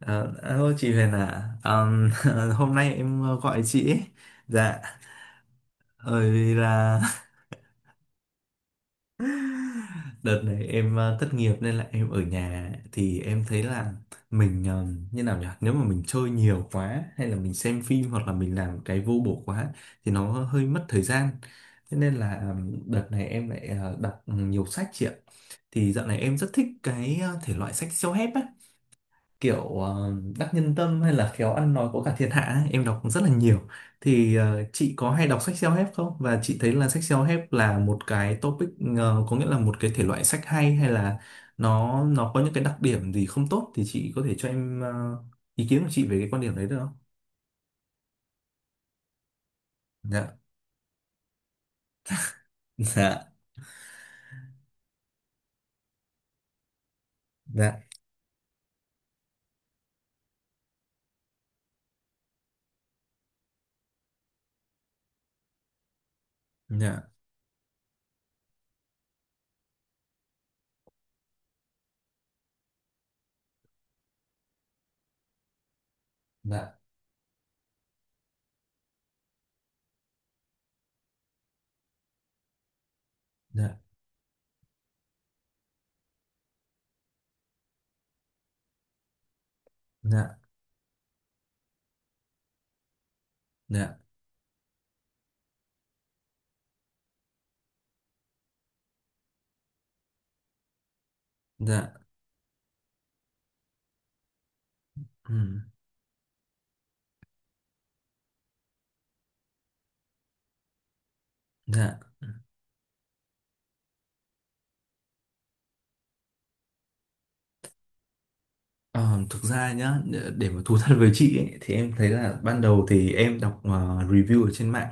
Ờ, Alo chị Huyền à, hôm nay em gọi chị ấy. Dạ, bởi vì là đợt này em thất nghiệp nên là em ở nhà thì em thấy là mình như nào nhỉ? Nếu mà mình chơi nhiều quá hay là mình xem phim hoặc là mình làm cái vô bổ quá thì nó hơi mất thời gian. Thế nên là đợt này em lại đọc nhiều sách chị ạ. Thì dạo này em rất thích cái thể loại sách self-help á. Kiểu đắc nhân tâm hay là khéo ăn nói có cả thiên hạ ấy, em đọc rất là nhiều. Thì chị có hay đọc sách self-help không, và chị thấy là sách self-help là một cái topic, có nghĩa là một cái thể loại sách hay, hay là nó có những cái đặc điểm gì không tốt, thì chị có thể cho em ý kiến của chị về cái quan điểm đấy được không? Dạ, dạ, dạ, dạ, dạ, dạ, dạ, dạ, dạ, ừ, dạ. Ờ, Thực ra nhá, để mà thú thật với chị ấy, thì em thấy là ban đầu thì em đọc review ở trên mạng,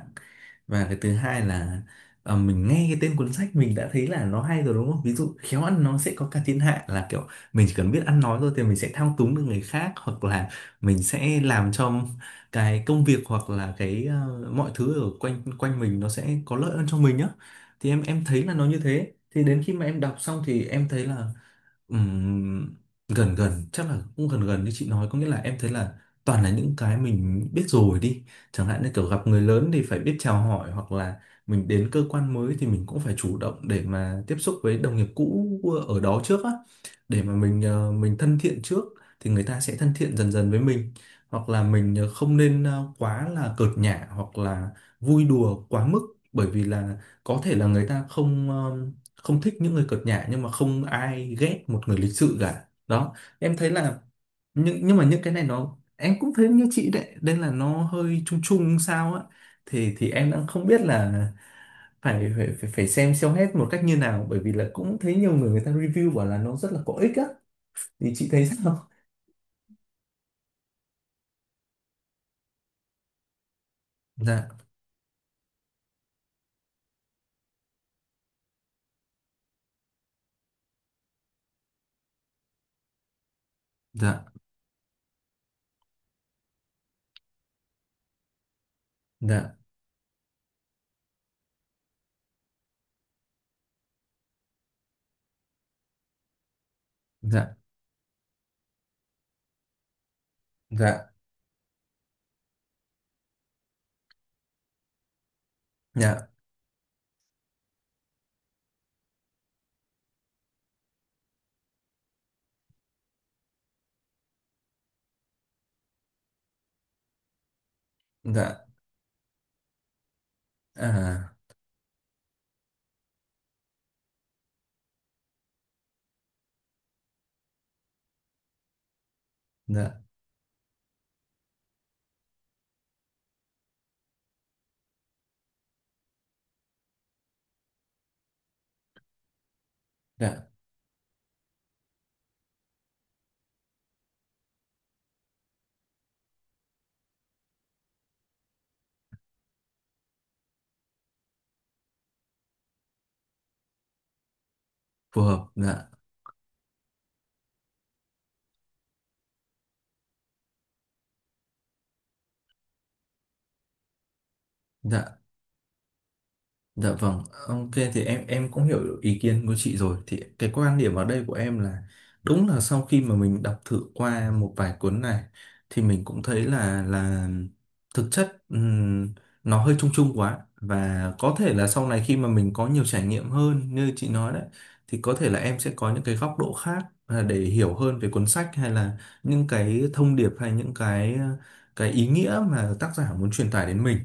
và cái thứ hai là mình nghe cái tên cuốn sách mình đã thấy là nó hay rồi, đúng không? Ví dụ khéo ăn nói sẽ có cả thiên hạ là kiểu mình chỉ cần biết ăn nói thôi thì mình sẽ thao túng được người khác, hoặc là mình sẽ làm cho cái công việc hoặc là cái mọi thứ ở quanh quanh mình nó sẽ có lợi hơn cho mình nhá. Thì em thấy là nó như thế. Thì đến khi mà em đọc xong thì em thấy là, Ừm, gần gần chắc là cũng gần gần như chị nói, có nghĩa là em thấy là toàn là những cái mình biết rồi đi. Chẳng hạn như kiểu gặp người lớn thì phải biết chào hỏi, hoặc là mình đến cơ quan mới thì mình cũng phải chủ động để mà tiếp xúc với đồng nghiệp cũ ở đó trước á, để mà mình mình thân thiện trước thì người ta sẽ thân thiện dần dần với mình. Hoặc là mình không nên quá là cợt nhả hoặc là vui đùa quá mức. Bởi vì là có thể là người ta không thích những người cợt nhả, nhưng mà không ai ghét một người lịch sự cả đó. Em thấy là, nhưng mà những cái này nó em cũng thấy như chị đấy nên là nó hơi chung chung sao á. Thì em đang không biết là phải xem hết một cách như nào, bởi vì là cũng thấy nhiều người người ta review bảo là nó rất là có ích á, thì chị thấy sao. Dạ, dạ, dạ, dạ, dạ, dạ, dạ, à, dạ, dạ, phù hợp, dạ, dạ. Dạ vâng, ok, thì em cũng hiểu ý kiến của chị rồi. Thì cái quan điểm ở đây của em là, đúng là sau khi mà mình đọc thử qua một vài cuốn này thì mình cũng thấy là, thực chất nó hơi chung chung quá, và có thể là sau này khi mà mình có nhiều trải nghiệm hơn như chị nói đấy, thì có thể là em sẽ có những cái góc độ khác à, để hiểu hơn về cuốn sách hay là những cái thông điệp hay những cái cái ý nghĩa mà tác giả muốn truyền tải đến mình.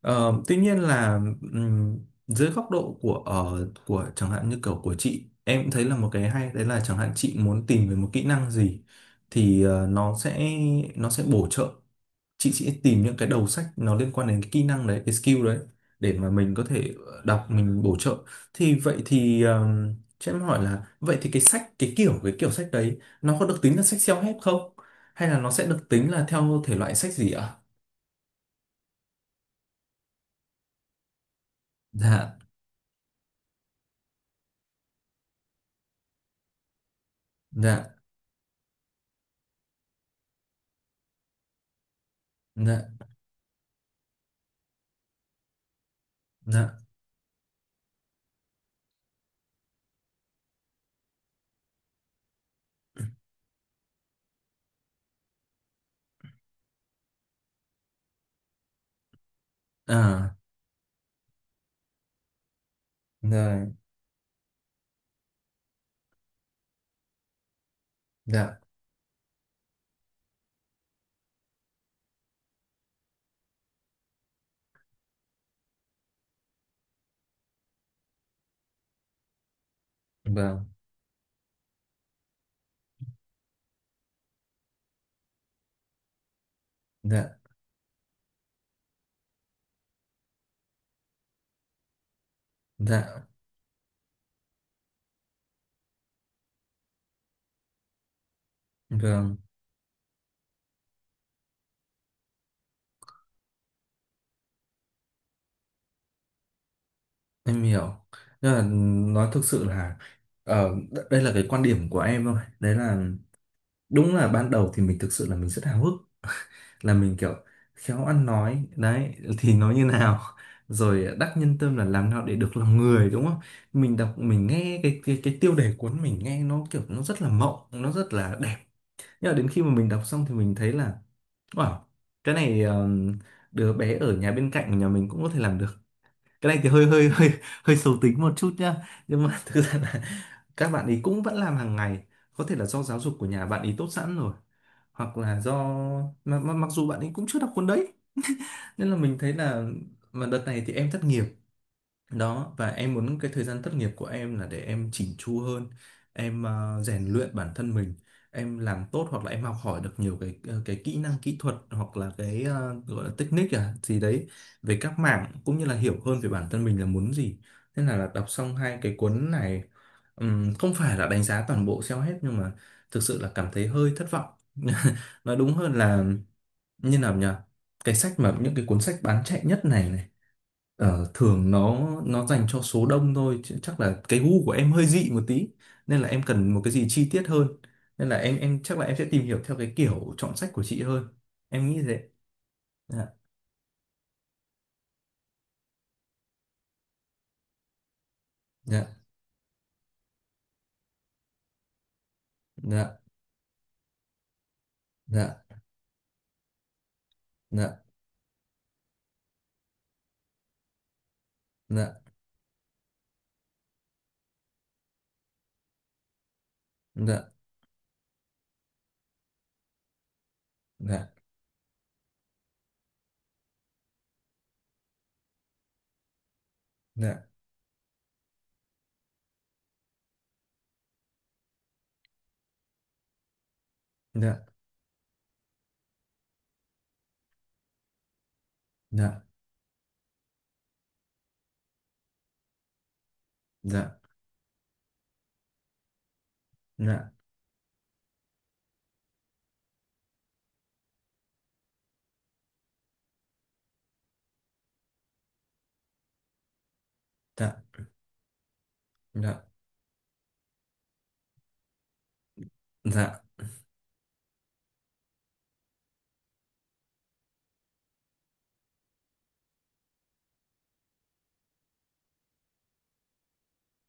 Tuy nhiên là, ừm, dưới góc độ của, chẳng hạn như kiểu của chị, em cũng thấy là một cái hay đấy là chẳng hạn chị muốn tìm về một kỹ năng gì thì nó sẽ bổ trợ. Chị sẽ tìm những cái đầu sách nó liên quan đến cái kỹ năng đấy, cái skill đấy, để mà mình có thể đọc mình bổ trợ. Thì vậy thì cho em hỏi là, vậy thì cái sách, cái kiểu sách đấy nó có được tính là sách self-help không, hay là nó sẽ được tính là theo thể loại sách gì ạ? Dạ, dạ, dạ. Dạ. À, rồi, dạ, vâng, dạ, dạ, vâng, em hiểu. Nhưng là, nói thực sự là, đây là cái quan điểm của em thôi. Đấy là, đúng là ban đầu thì mình thực sự là mình rất háo hức, là mình kiểu khéo ăn nói, đấy thì nói như nào, rồi đắc nhân tâm là làm nào để được lòng người, đúng không? Mình đọc mình nghe cái tiêu đề cuốn mình nghe nó kiểu nó rất là mộng, nó rất là đẹp. Nhưng mà đến khi mà mình đọc xong thì mình thấy là, wow, cái này đứa bé ở nhà bên cạnh của nhà mình cũng có thể làm được. Cái này thì hơi hơi hơi hơi xấu tính một chút nhá. Nhưng mà thực ra là các bạn ấy cũng vẫn làm hàng ngày. Có thể là do giáo dục của nhà bạn ấy tốt sẵn rồi. Hoặc là do, mặc dù bạn ấy cũng chưa đọc cuốn đấy. Nên là mình thấy là, mà đợt này thì em thất nghiệp đó, và em muốn cái thời gian thất nghiệp của em là để em chỉnh chu hơn, em rèn luyện bản thân mình, em làm tốt, hoặc là em học hỏi được nhiều cái cái kỹ năng kỹ thuật, hoặc là cái gọi là technique à gì đấy về các mảng, cũng như là hiểu hơn về bản thân mình là muốn gì. Thế là, đọc xong 2 cái cuốn này, không phải là đánh giá toàn bộ self-help nhưng mà thực sự là cảm thấy hơi thất vọng. Nói đúng hơn là, như nào nhỉ, cái sách mà, những cái cuốn sách bán chạy nhất này này, thường nó dành cho số đông thôi, chứ chắc là cái gu của em hơi dị một tí, nên là em cần một cái gì chi tiết hơn. Nên là em chắc là em sẽ tìm hiểu theo cái kiểu chọn sách của chị hơn. Em nghĩ thế. Dạ, dạ, dạ, dạ, dạ, dạ, dạ, dạ, dạ, dạ, dạ, dạ, dạ, dạ, dạ, dạ, dạ,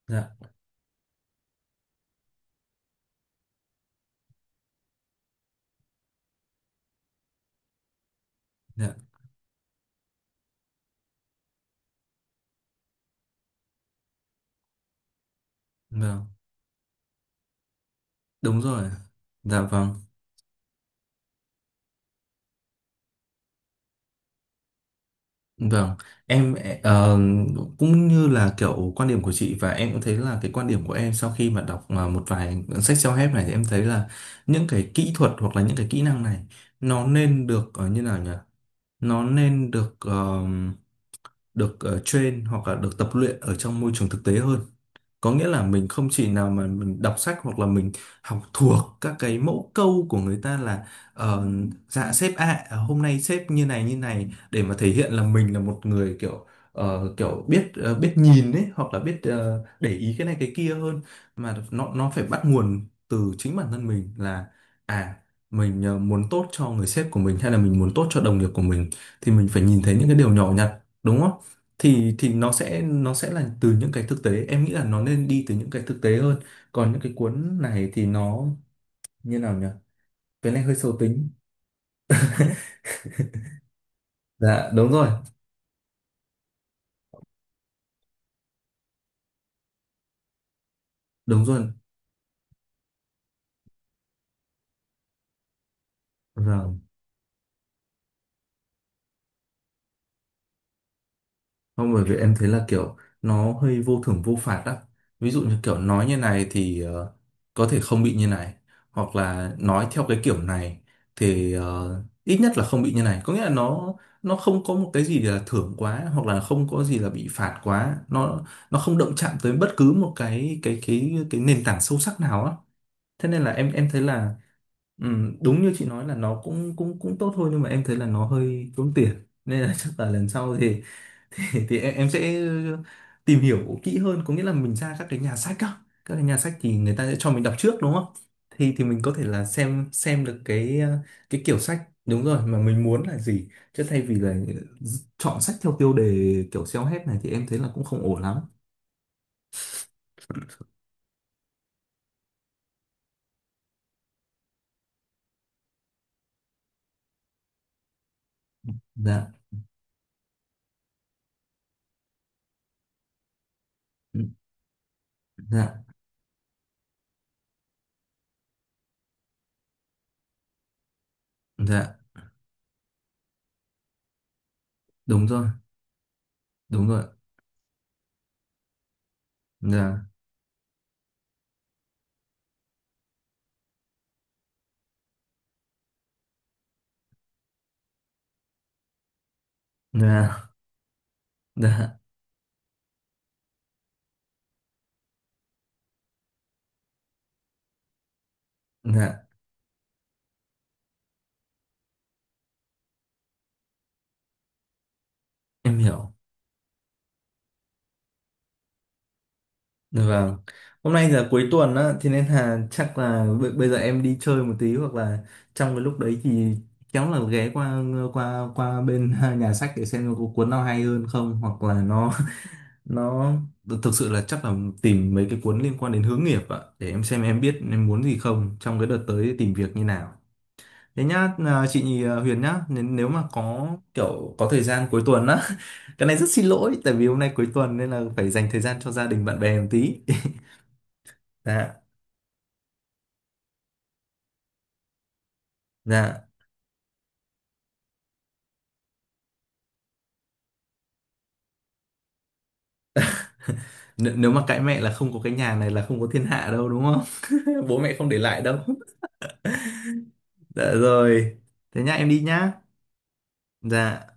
dạ, dạ, vâng, đúng rồi, dạ vâng. Vâng. Em ờ, cũng như là kiểu quan điểm của chị, và em cũng thấy là, cái quan điểm của em sau khi mà đọc mà một vài sách self-help này thì em thấy là, những cái kỹ thuật hoặc là những cái kỹ năng này nó nên được, như nào nhỉ? Nó nên được train hoặc là được tập luyện ở trong môi trường thực tế hơn. Có nghĩa là mình không chỉ nào mà mình đọc sách hoặc là mình học thuộc các cái mẫu câu của người ta là, ờ, dạ sếp ạ, à, hôm nay sếp như này như này, để mà thể hiện là mình là một người kiểu biết nhìn ấy, hoặc là để ý cái này cái kia hơn. Mà nó phải bắt nguồn từ chính bản thân mình là, à, mình muốn tốt cho người sếp của mình, hay là mình muốn tốt cho đồng nghiệp của mình, thì mình phải nhìn thấy những cái điều nhỏ nhặt, đúng không? Thì nó sẽ là từ những cái thực tế. Em nghĩ là nó nên đi từ những cái thực tế hơn. Còn những cái cuốn này thì nó, như nào nhỉ, cái này hơi sâu tính. Dạ đúng rồi, đúng rồi. Rồi. Không, bởi vì em thấy là kiểu nó hơi vô thưởng vô phạt á. Ví dụ như kiểu nói như này thì có thể không bị như này. Hoặc là nói theo cái kiểu này thì ít nhất là không bị như này. Có nghĩa là nó không có một cái gì là thưởng quá, hoặc là không có gì là bị phạt quá. Nó không động chạm tới bất cứ một cái nền tảng sâu sắc nào á. Thế nên là em thấy là, đúng như chị nói là nó cũng cũng cũng tốt thôi, nhưng mà em thấy là nó hơi tốn tiền. Nên là chắc là lần sau thì, em sẽ tìm hiểu kỹ hơn, có nghĩa là mình ra các cái nhà sách á. Các cái nhà sách thì người ta sẽ cho mình đọc trước, đúng không? Thì mình có thể là xem được cái cái kiểu sách đúng rồi mà mình muốn là gì, chứ thay vì là chọn sách theo tiêu đề kiểu xéo hết này thì em thấy là cũng không ổn lắm. Dạ, ừ, dạ, dạ, đúng rồi, đúng rồi, dạ, dạ, dạ, dạ, em hiểu. Dạ vâng. Hôm nay giờ cuối tuần á, thế nên là chắc là bây giờ em đi chơi một tí, hoặc là trong cái lúc đấy thì khéo là ghé qua qua qua bên nhà sách để xem có cuốn nào hay hơn không, hoặc là nó nó thực sự là chắc là tìm mấy cái cuốn liên quan đến hướng nghiệp ạ, để em xem em biết em muốn gì không trong cái đợt tới tìm việc như nào. Thế nhá, à, chị à, Huyền nhá, nên nếu mà có kiểu có thời gian cuối tuần á, cái này rất xin lỗi tại vì hôm nay cuối tuần nên là phải dành thời gian cho gia đình bạn bè một tí. Dạ. Dạ, nếu mà cãi mẹ là không có cái nhà này là không có thiên hạ đâu, đúng không? Bố mẹ không để lại đâu. Dạ rồi. Thế nhá, em đi nhá. Dạ,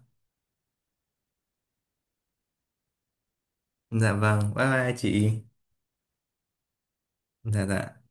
dạ vâng. Bye bye chị. Dạ dạ.